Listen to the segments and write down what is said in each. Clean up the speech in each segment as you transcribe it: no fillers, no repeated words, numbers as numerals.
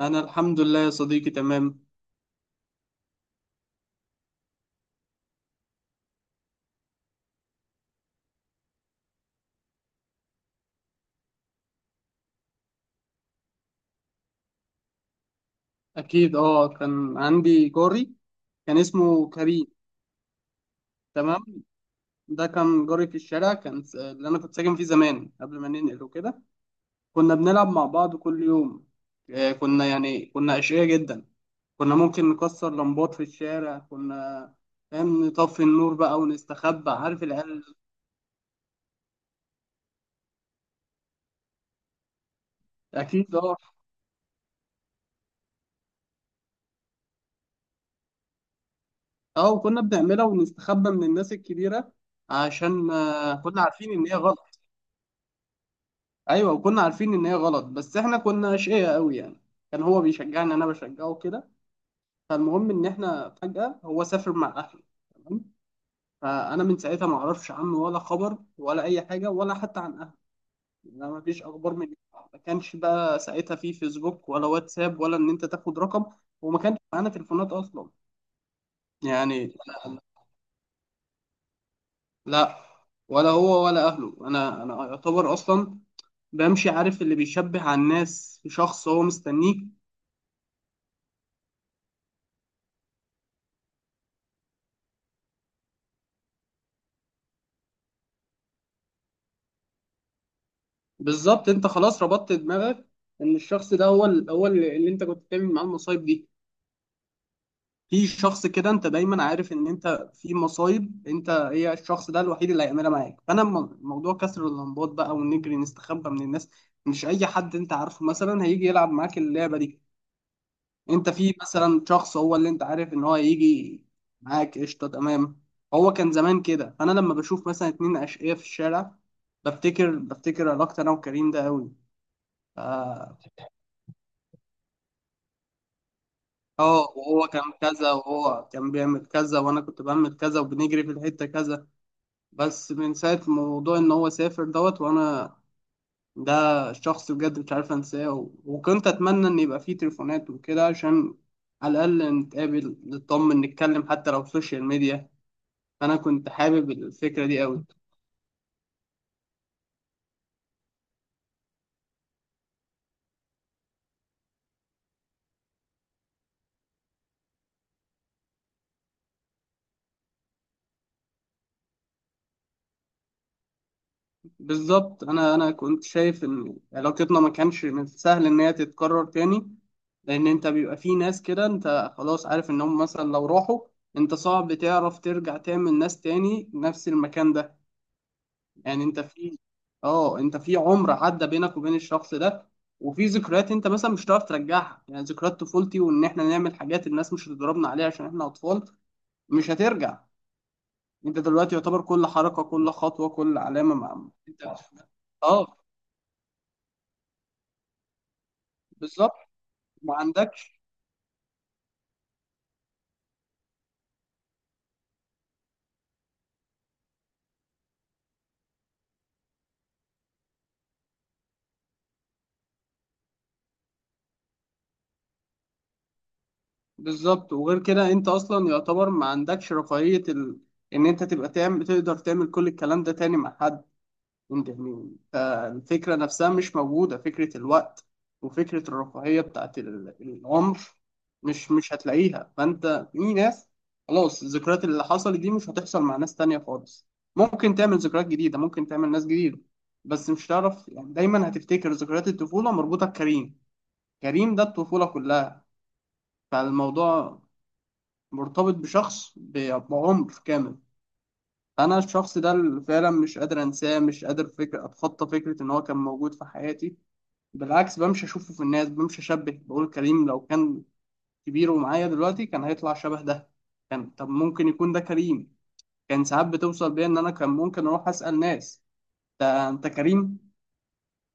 أنا الحمد لله يا صديقي، تمام. أكيد، أه، كان عندي جاري، كان اسمه كريم. تمام. ده كان جاري في الشارع، كان اللي أنا كنت ساكن فيه زمان قبل ما ننقل وكده. كنا بنلعب مع بعض كل يوم. يعني كنا أشقياء جدا. كنا ممكن نكسر لمبات في الشارع، كنا، فاهم، نطفي النور بقى ونستخبى، عارف، العيال. أكيد، أه. أه، وكنا بنعملها ونستخبى من الناس الكبيرة، عشان كنا عارفين إن هي غلط. ايوه، وكنا عارفين ان هي غلط، بس احنا كنا اشقياء قوي، يعني. كان هو بيشجعني، انا بشجعه كده. فالمهم ان احنا فجأة هو سافر مع اهله. تمام. فانا من ساعتها ما اعرفش عنه ولا خبر ولا اي حاجه، ولا حتى عن اهله. لا، ما فيش اخبار من. ما كانش بقى ساعتها في فيسبوك ولا واتساب ولا ان انت تاخد رقم. وما كانش معانا تليفونات اصلا. يعني، لا. لا. ولا هو ولا اهله. انا يعتبر اصلا بمشي، عارف اللي بيشبه على الناس في شخص هو مستنيك. بالظبط، انت خلاص ربطت دماغك ان الشخص ده هو هو اللي انت كنت بتعمل معاه المصايب دي. في شخص كده انت دايما عارف ان انت في مصايب، انت هي الشخص ده الوحيد اللي هيعملها معاك. فانا موضوع كسر اللمبات بقى ونجري نستخبى من الناس، مش اي حد انت عارفه مثلا هيجي يلعب معاك اللعبه دي. انت في مثلا شخص هو اللي انت عارف ان هو هيجي معاك، قشطه، تمام. هو كان زمان كده، فانا لما بشوف مثلا اتنين اشقياء في الشارع، بفتكر علاقتي انا وكريم ده قوي. اه، وهو كان كذا وهو كان بيعمل كذا وانا كنت بعمل كذا وبنجري في الحتة كذا. بس من ساعة موضوع ان هو سافر دوت، وانا، ده، شخص بجد مش عارف انساه، وكنت اتمنى ان يبقى فيه تليفونات وكده عشان على الاقل نتقابل، نطمن، نتكلم، حتى لو في السوشيال ميديا. فانا كنت حابب الفكرة دي قوي. بالظبط، انا كنت شايف ان علاقتنا ما كانش من سهل ان هي تتكرر تاني، لان انت بيبقى في ناس كده، انت خلاص عارف انهم مثلا لو راحوا، انت صعب تعرف ترجع تعمل ناس تاني نفس المكان ده. يعني انت في عمر عدى بينك وبين الشخص ده، وفي ذكريات انت مثلا مش هتعرف ترجعها، يعني ذكريات طفولتي وان احنا نعمل حاجات الناس مش هتضربنا عليها عشان احنا اطفال، مش هترجع. انت دلوقتي يعتبر كل حركة، كل خطوة، كل علامة مع انت. اه، بالظبط، ما عندكش. بالظبط، وغير كده انت اصلا يعتبر ما عندكش رفاهية ان انت تبقى تعمل، تقدر تعمل كل الكلام ده تاني مع حد. انت يعني الفكرة نفسها مش موجودة، فكرة الوقت وفكرة الرفاهية بتاعت العمر مش هتلاقيها. فانت في ناس، خلاص الذكريات اللي حصلت دي مش هتحصل مع ناس تانية خالص. ممكن تعمل ذكريات جديدة، ممكن تعمل ناس جديدة، بس مش هتعرف، يعني دايما هتفتكر ذكريات الطفولة مربوطة بكريم. كريم ده الطفولة كلها، فالموضوع مرتبط بشخص بعمر كامل. انا الشخص ده اللي فعلا مش قادر انساه، مش قادر فكر اتخطى فكره ان هو كان موجود في حياتي. بالعكس، بمشي اشوفه في الناس، بمشي اشبه، بقول كريم لو كان كبير ومعايا دلوقتي كان هيطلع شبه ده، كان، طب ممكن يكون ده كريم، كان ساعات بتوصل بيا ان انا كان ممكن اروح اسال ناس، ده انت كريم؟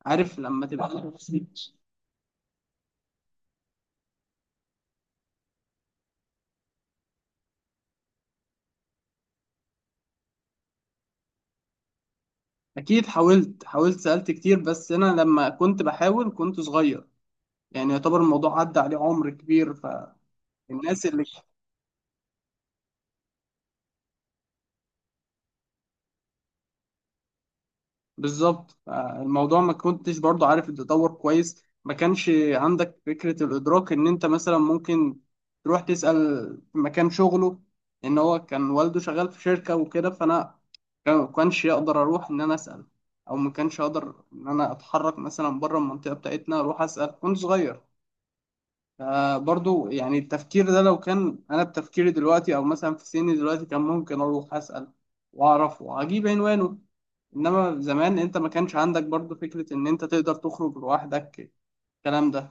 عارف لما تبقى. اكيد حاولت، حاولت، سالت كتير، بس انا لما كنت بحاول كنت صغير، يعني يعتبر الموضوع عدى عليه عمر كبير. الناس اللي. بالظبط، الموضوع ما كنتش برضو عارف التطور كويس. ما كانش عندك فكرة الإدراك إن أنت مثلا ممكن تروح تسأل في مكان شغله، إن هو كان والده شغال في شركة وكده، فأنا ما كانش يقدر أروح إن أنا أسأل، أو ما كانش أقدر إن أنا أتحرك مثلا بره المنطقة بتاعتنا أروح أسأل، كنت صغير. برضو يعني التفكير ده، لو كان انا بتفكيري دلوقتي او مثلا في سني دلوقتي، كان ممكن اروح اسال واعرف واجيب عنوانه. انما زمان انت ما كانش عندك برضو فكره ان انت تقدر تخرج لوحدك الكلام ده.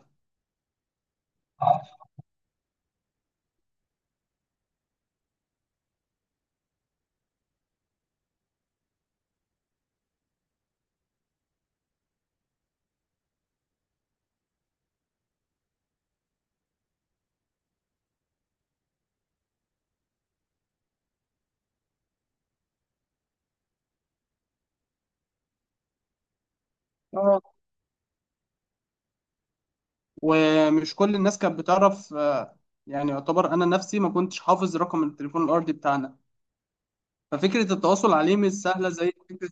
اه، ومش كل الناس كانت بتعرف، يعني يعتبر انا نفسي ما كنتش حافظ رقم التليفون الارضي بتاعنا. ففكره التواصل عليه مش سهله زي فكره.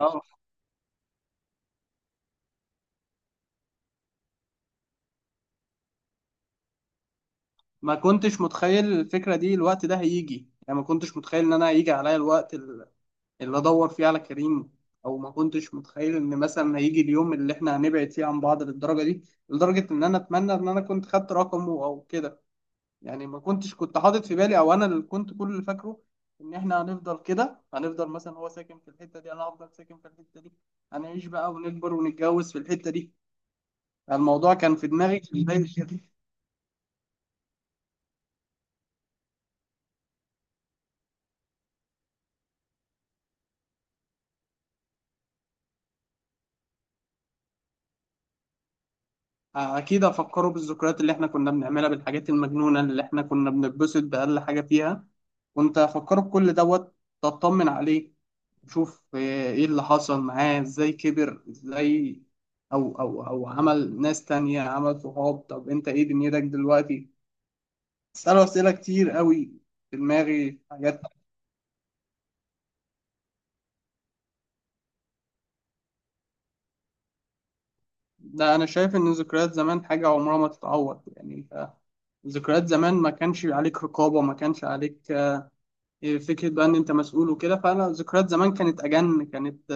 اه، ما كنتش متخيل الفكره دي الوقت ده هيجي، يعني ما كنتش متخيل ان انا هيجي عليا الوقت اللي ادور فيه على كريم، او ما كنتش متخيل ان مثلا هيجي اليوم اللي احنا هنبعد فيه عن بعض للدرجه دي، لدرجه ان انا اتمنى ان انا كنت خدت رقمه او كده. يعني ما كنتش، كنت حاطط في بالي، او انا اللي كنت كل اللي فاكره ان احنا هنفضل كده، هنفضل مثلا هو ساكن في الحته دي انا هفضل ساكن في الحته دي، هنعيش بقى ونكبر ونتجوز في الحته دي. الموضوع كان في دماغي في بدايه كده. اكيد افكره بالذكريات اللي احنا كنا بنعملها، بالحاجات المجنونه اللي احنا كنا بنتبسط باقل حاجه فيها، وانت افكره بكل دوت، تطمن عليه، تشوف ايه اللي حصل معاه ازاي، كبر ازاي، او عمل ناس تانية، عمل صحاب، طب انت ايه دنيتك دلوقتي، اساله اسئله كتير قوي في دماغي حاجات. ده انا شايف ان ذكريات زمان حاجه عمرها ما تتعوض، يعني انت ذكريات زمان ما كانش عليك رقابة، ما كانش عليك فكرة بقى إن أنت مسؤول وكده. فأنا ذكريات زمان كانت أجن، كانت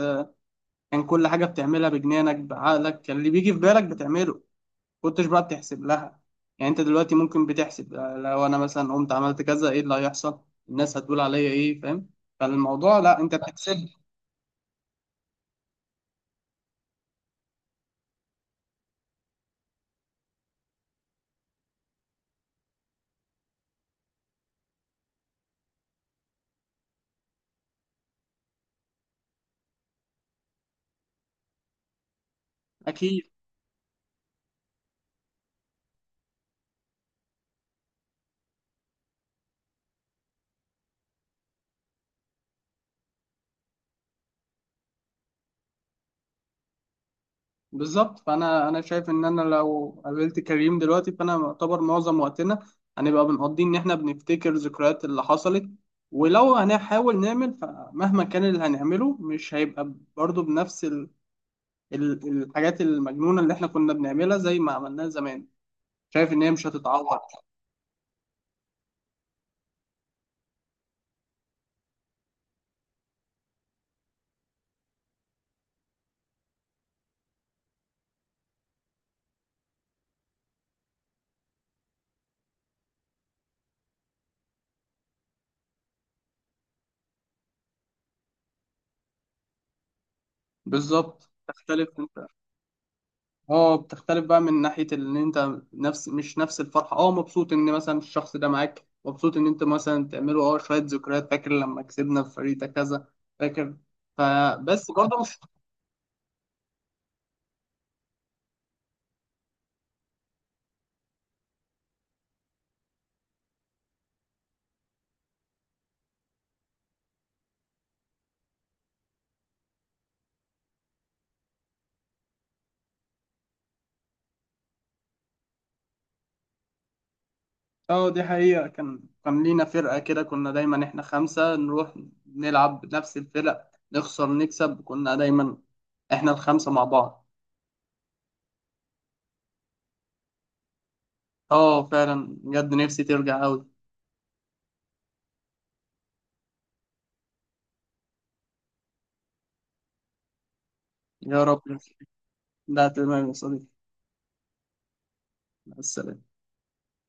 كان كل حاجة بتعملها بجنانك بعقلك، كان اللي بيجي في بالك بتعمله، كنتش بقى بتحسب لها. يعني أنت دلوقتي ممكن بتحسب، لو أنا مثلا قمت عملت كذا إيه اللي هيحصل، الناس هتقول عليا إيه، فاهم، فالموضوع لا، أنت بتحسب. أكيد. بالظبط، فانا شايف ان انا لو قابلت كريم دلوقتي، فانا يعتبر معظم وقتنا هنبقى بنقضي ان احنا بنفتكر ذكريات اللي حصلت، ولو هنحاول نعمل، فمهما كان اللي هنعمله مش هيبقى برضه بنفس الحاجات المجنونة اللي احنا كنا بنعملها زي ما عملناها زمان، شايف ان هي مش هتتعوض. بالظبط، تختلف انت. اه، بتختلف بقى من ناحية ان انت مش نفس الفرحة، مبسوط ان مثلا الشخص ده معاك، مبسوط ان انت مثلا تعملوا شوية ذكريات، فاكر لما كسبنا في فريق ده كذا، فاكر، فبس برضه مش. اه، دي حقيقة، كان لينا فرقة كده، كنا دايما احنا خمسة نروح نلعب نفس الفرق، نخسر، نكسب، كنا دايما احنا الخمسة مع بعض. اه، فعلا بجد نفسي ترجع اوي. يا رب، ده تمام يا صديقي، مع السلامة.